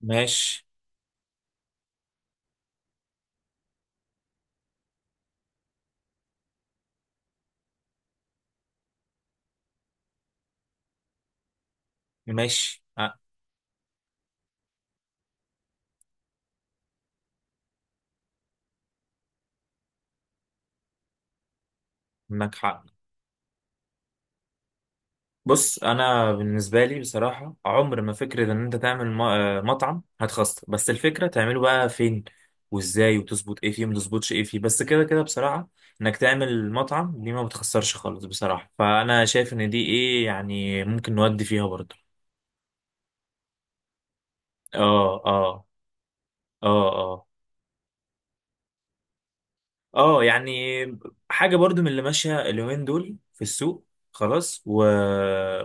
ماشي ماشي آه، معك حق. بص، انا بالنسبه لي بصراحه عمر ما فكره ان انت تعمل مطعم هتخسر، بس الفكره تعمله بقى فين وازاي، وتظبط ايه فيه وما تظبطش ايه فيه، بس كده كده بصراحه. انك تعمل مطعم دي ما بتخسرش خالص بصراحه، فانا شايف ان دي ايه يعني، ممكن نودي فيها برضه. اه اه اه آه. اه يعني حاجة برضو من اللي ماشية اليومين دول في السوق. خلاص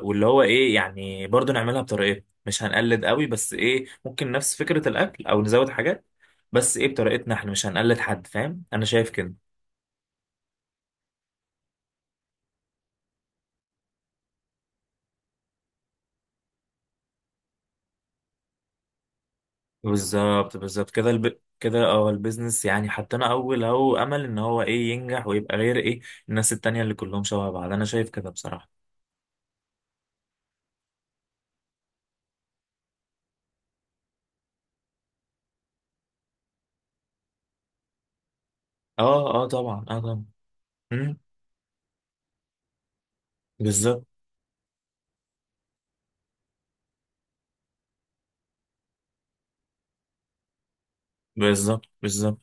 واللي هو ايه، يعني برضو نعملها بطريقتنا، مش هنقلد قوي، بس ايه، ممكن نفس فكرة الاكل او نزود حاجات، بس ايه بطريقتنا احنا، مش هنقلد حد، فاهم؟ انا شايف كده. بالظبط بالظبط كده كده اه البيزنس، يعني حطينا اول اهو امل ان هو ايه، ينجح ويبقى غير ايه الناس التانية اللي كلهم شبه بعض، انا شايف كده بصراحة. اه اه، طبعا اه طبعا. مم، بالظبط بالظبط بالظبط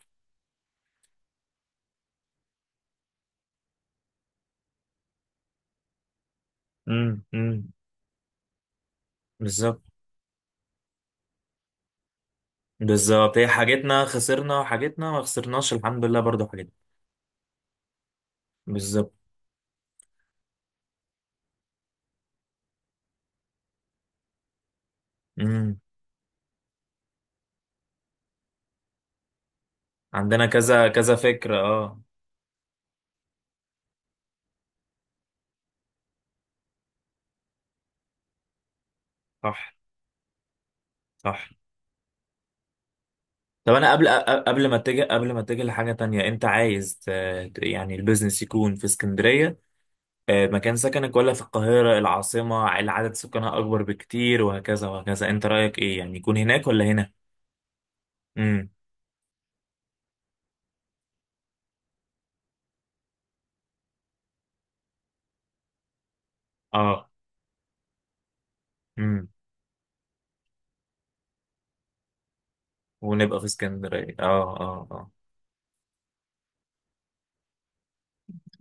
بالظبط بالظبط. هي حاجتنا خسرنا وحاجتنا ما خسرناش الحمد لله، برضو حاجتنا. بالظبط. امم. عندنا كذا كذا فكرة، اه. صح صح. طب انا قبل ما اتجه لحاجة تانية، انت عايز يعني البيزنس يكون في اسكندرية، آه، مكان سكنك، ولا في القاهرة العاصمة اللي عدد سكانها اكبر بكتير وهكذا وهكذا؟ انت رأيك ايه، يعني يكون هناك ولا هنا؟ امم، اه امم. ونبقى في اسكندرية، اه اه اه.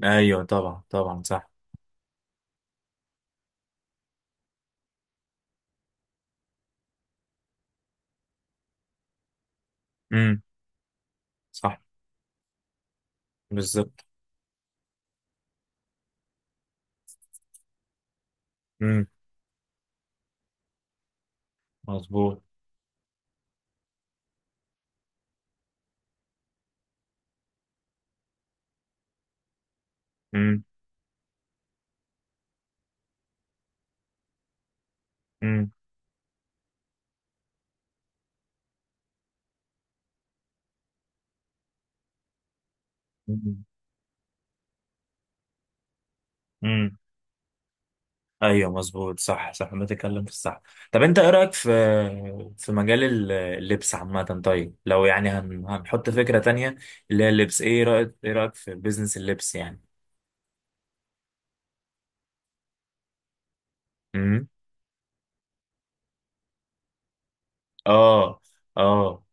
ايوه طبعا طبعا صح. امم. صح. بالظبط. امم. مظبوط. امم امم امم. أمم. ايوه مظبوط، صح صح، ما تتكلم في الصح. طب انت ايه رايك في مجال اللبس عامه؟ طيب، لو يعني هنحط فكره تانية اللي هي اللبس، ايه رايك في بيزنس اللبس يعني؟ امم. اه اه.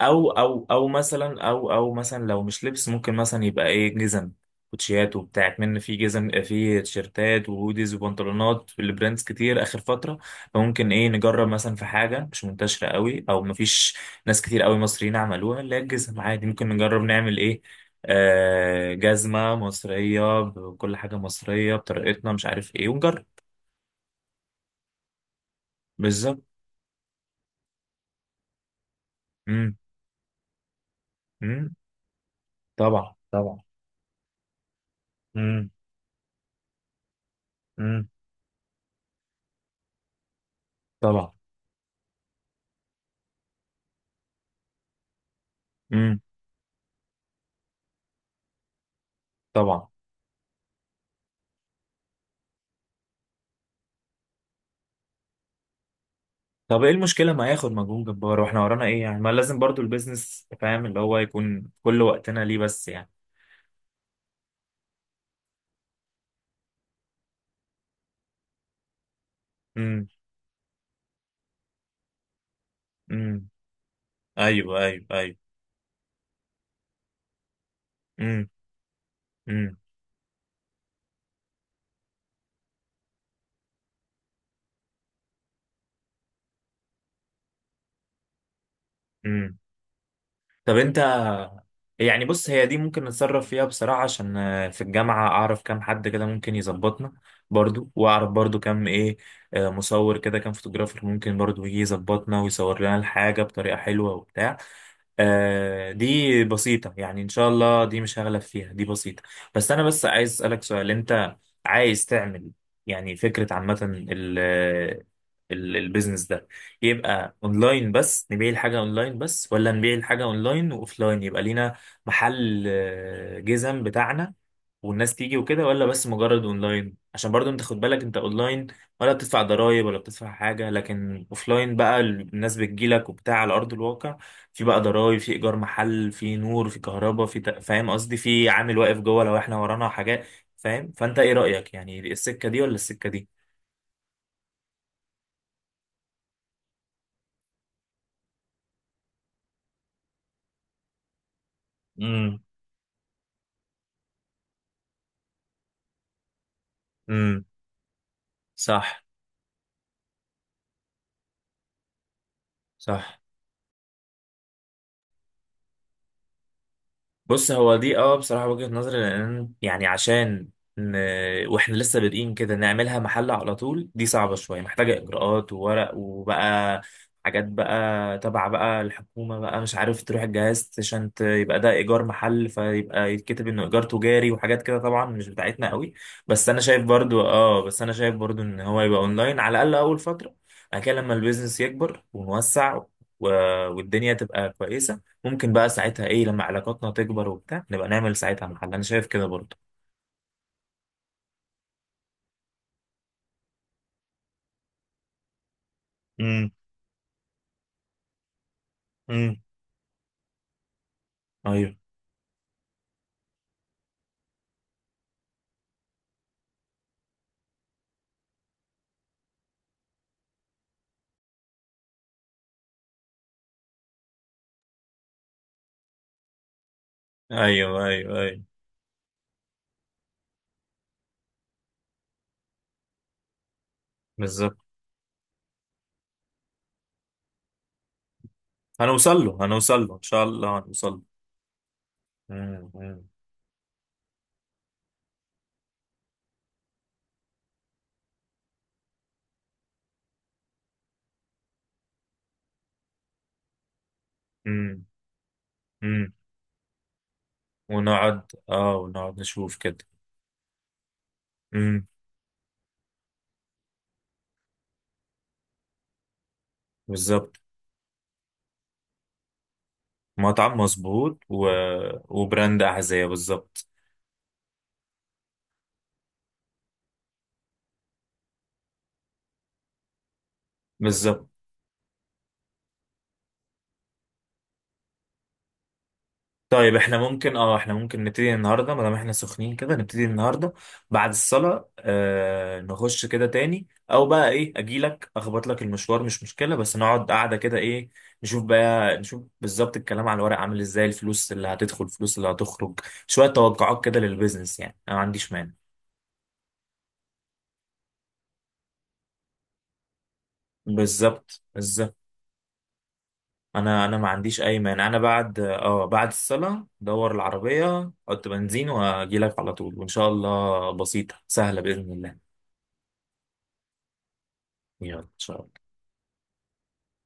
او مثلا لو مش لبس، ممكن مثلا يبقى ايه، جزم، كوتشيات وبتاع، من في جزم في تيشيرتات وهوديز وبنطلونات لبراندز كتير اخر فتره. فممكن ايه نجرب مثلا في حاجه مش منتشره قوي، او مفيش ناس كتير قوي مصريين عملوها، اللي هي الجزم عادي، ممكن نجرب نعمل ايه، آه، جزمه مصريه، بكل حاجه مصريه بطريقتنا، مش عارف ايه، ونجرب. بالظبط. امم امم. طبعا طبعا. امم امم. طبعا. امم. طبعا. طب ايه المشكلة ما ياخد مجهود جبار، واحنا ورانا ايه يعني؟ ما لازم برضو البيزنس، فاهم، اللي هو يكون كل وقتنا ليه، بس يعني. امم امم. ايوه ايوه ايوه. امم امم امم. طب انت، يعني بص، هي دي ممكن نتصرف فيها بصراحة، عشان آه، في الجامعة اعرف كام حد كده ممكن يظبطنا برضو، واعرف برضو كام ايه، آه، مصور كده، كام فوتوغرافر ممكن برضو يجي يظبطنا ويصور لنا الحاجة بطريقة حلوة وبتاع. آه دي بسيطة، يعني إن شاء الله دي مش هغلب فيها، دي بسيطة. بس أنا عايز أسألك سؤال. أنت عايز تعمل، يعني فكرة عامة، ال البيزنس ده يبقى اونلاين بس، نبيع الحاجة اونلاين بس، ولا نبيع الحاجة اونلاين واوفلاين، يبقى لينا محل، آه، جزم بتاعنا، والناس تيجي وكده؟ ولا بس مجرد اونلاين، عشان برضو انت خد بالك، انت اونلاين ولا بتدفع ضرائب ولا بتدفع حاجة، لكن اوفلاين بقى الناس بتجيلك وبتاع على ارض الواقع، في بقى ضرايب، في ايجار محل، في نور، في كهرباء، فاهم قصدي، في عامل واقف جوه، لو احنا ورانا حاجات، فاهم؟ فانت ايه رأيك، يعني السكة دي ولا السكة دي؟ امم امم. صح صح. بص، هو دي اه بصراحة وجهة نظري، لأن يعني عشان ن... واحنا لسه بادئين كده، نعملها محل على طول دي صعبة شوية، محتاجة إجراءات وورق وبقى حاجات بقى تبع بقى الحكومة بقى، مش عارف، تروح الجهاز عشان يبقى ده إيجار محل، فيبقى يتكتب إنه إيجار تجاري، وحاجات كده طبعا مش بتاعتنا قوي. بس أنا شايف برضو إن هو يبقى أونلاين على الأقل أول فترة. بعد كده لما البيزنس يكبر ونوسع و... والدنيا تبقى كويسة، ممكن بقى ساعتها ايه لما علاقاتنا تكبر وبتاع نبقى نعمل ساعتها محل، انا شايف كده برضه. امم امم. ايوه ايوه ايوه ايوه. بالظبط. هنوصل له هنوصل له ان شاء الله هنوصل له. مم، مم، مم، مم. ونقعد نشوف كده. مم، بالظبط. مطعم مظبوط وبراند احذية، بالظبط بالظبط. طيب، احنا ممكن نبتدي النهارده ما دام احنا سخنين كده، نبتدي النهارده بعد الصلاه، آه، نخش كده تاني، او بقى ايه، اجيلك اخبط لك المشوار مش مشكله، بس نقعد قاعده كده، ايه، نشوف بقى، نشوف بالظبط الكلام على الورق عامل ازاي، الفلوس اللي هتدخل، الفلوس اللي هتخرج، شويه توقعات كده للبيزنس، يعني انا ما عنديش مانع. بالظبط بالظبط. انا ما عنديش اي مانع، انا بعد بعد الصلاه دور العربيه، حط بنزين، واجيلك على طول، وان شاء الله بسيطه سهله باذن الله. يلا سلام.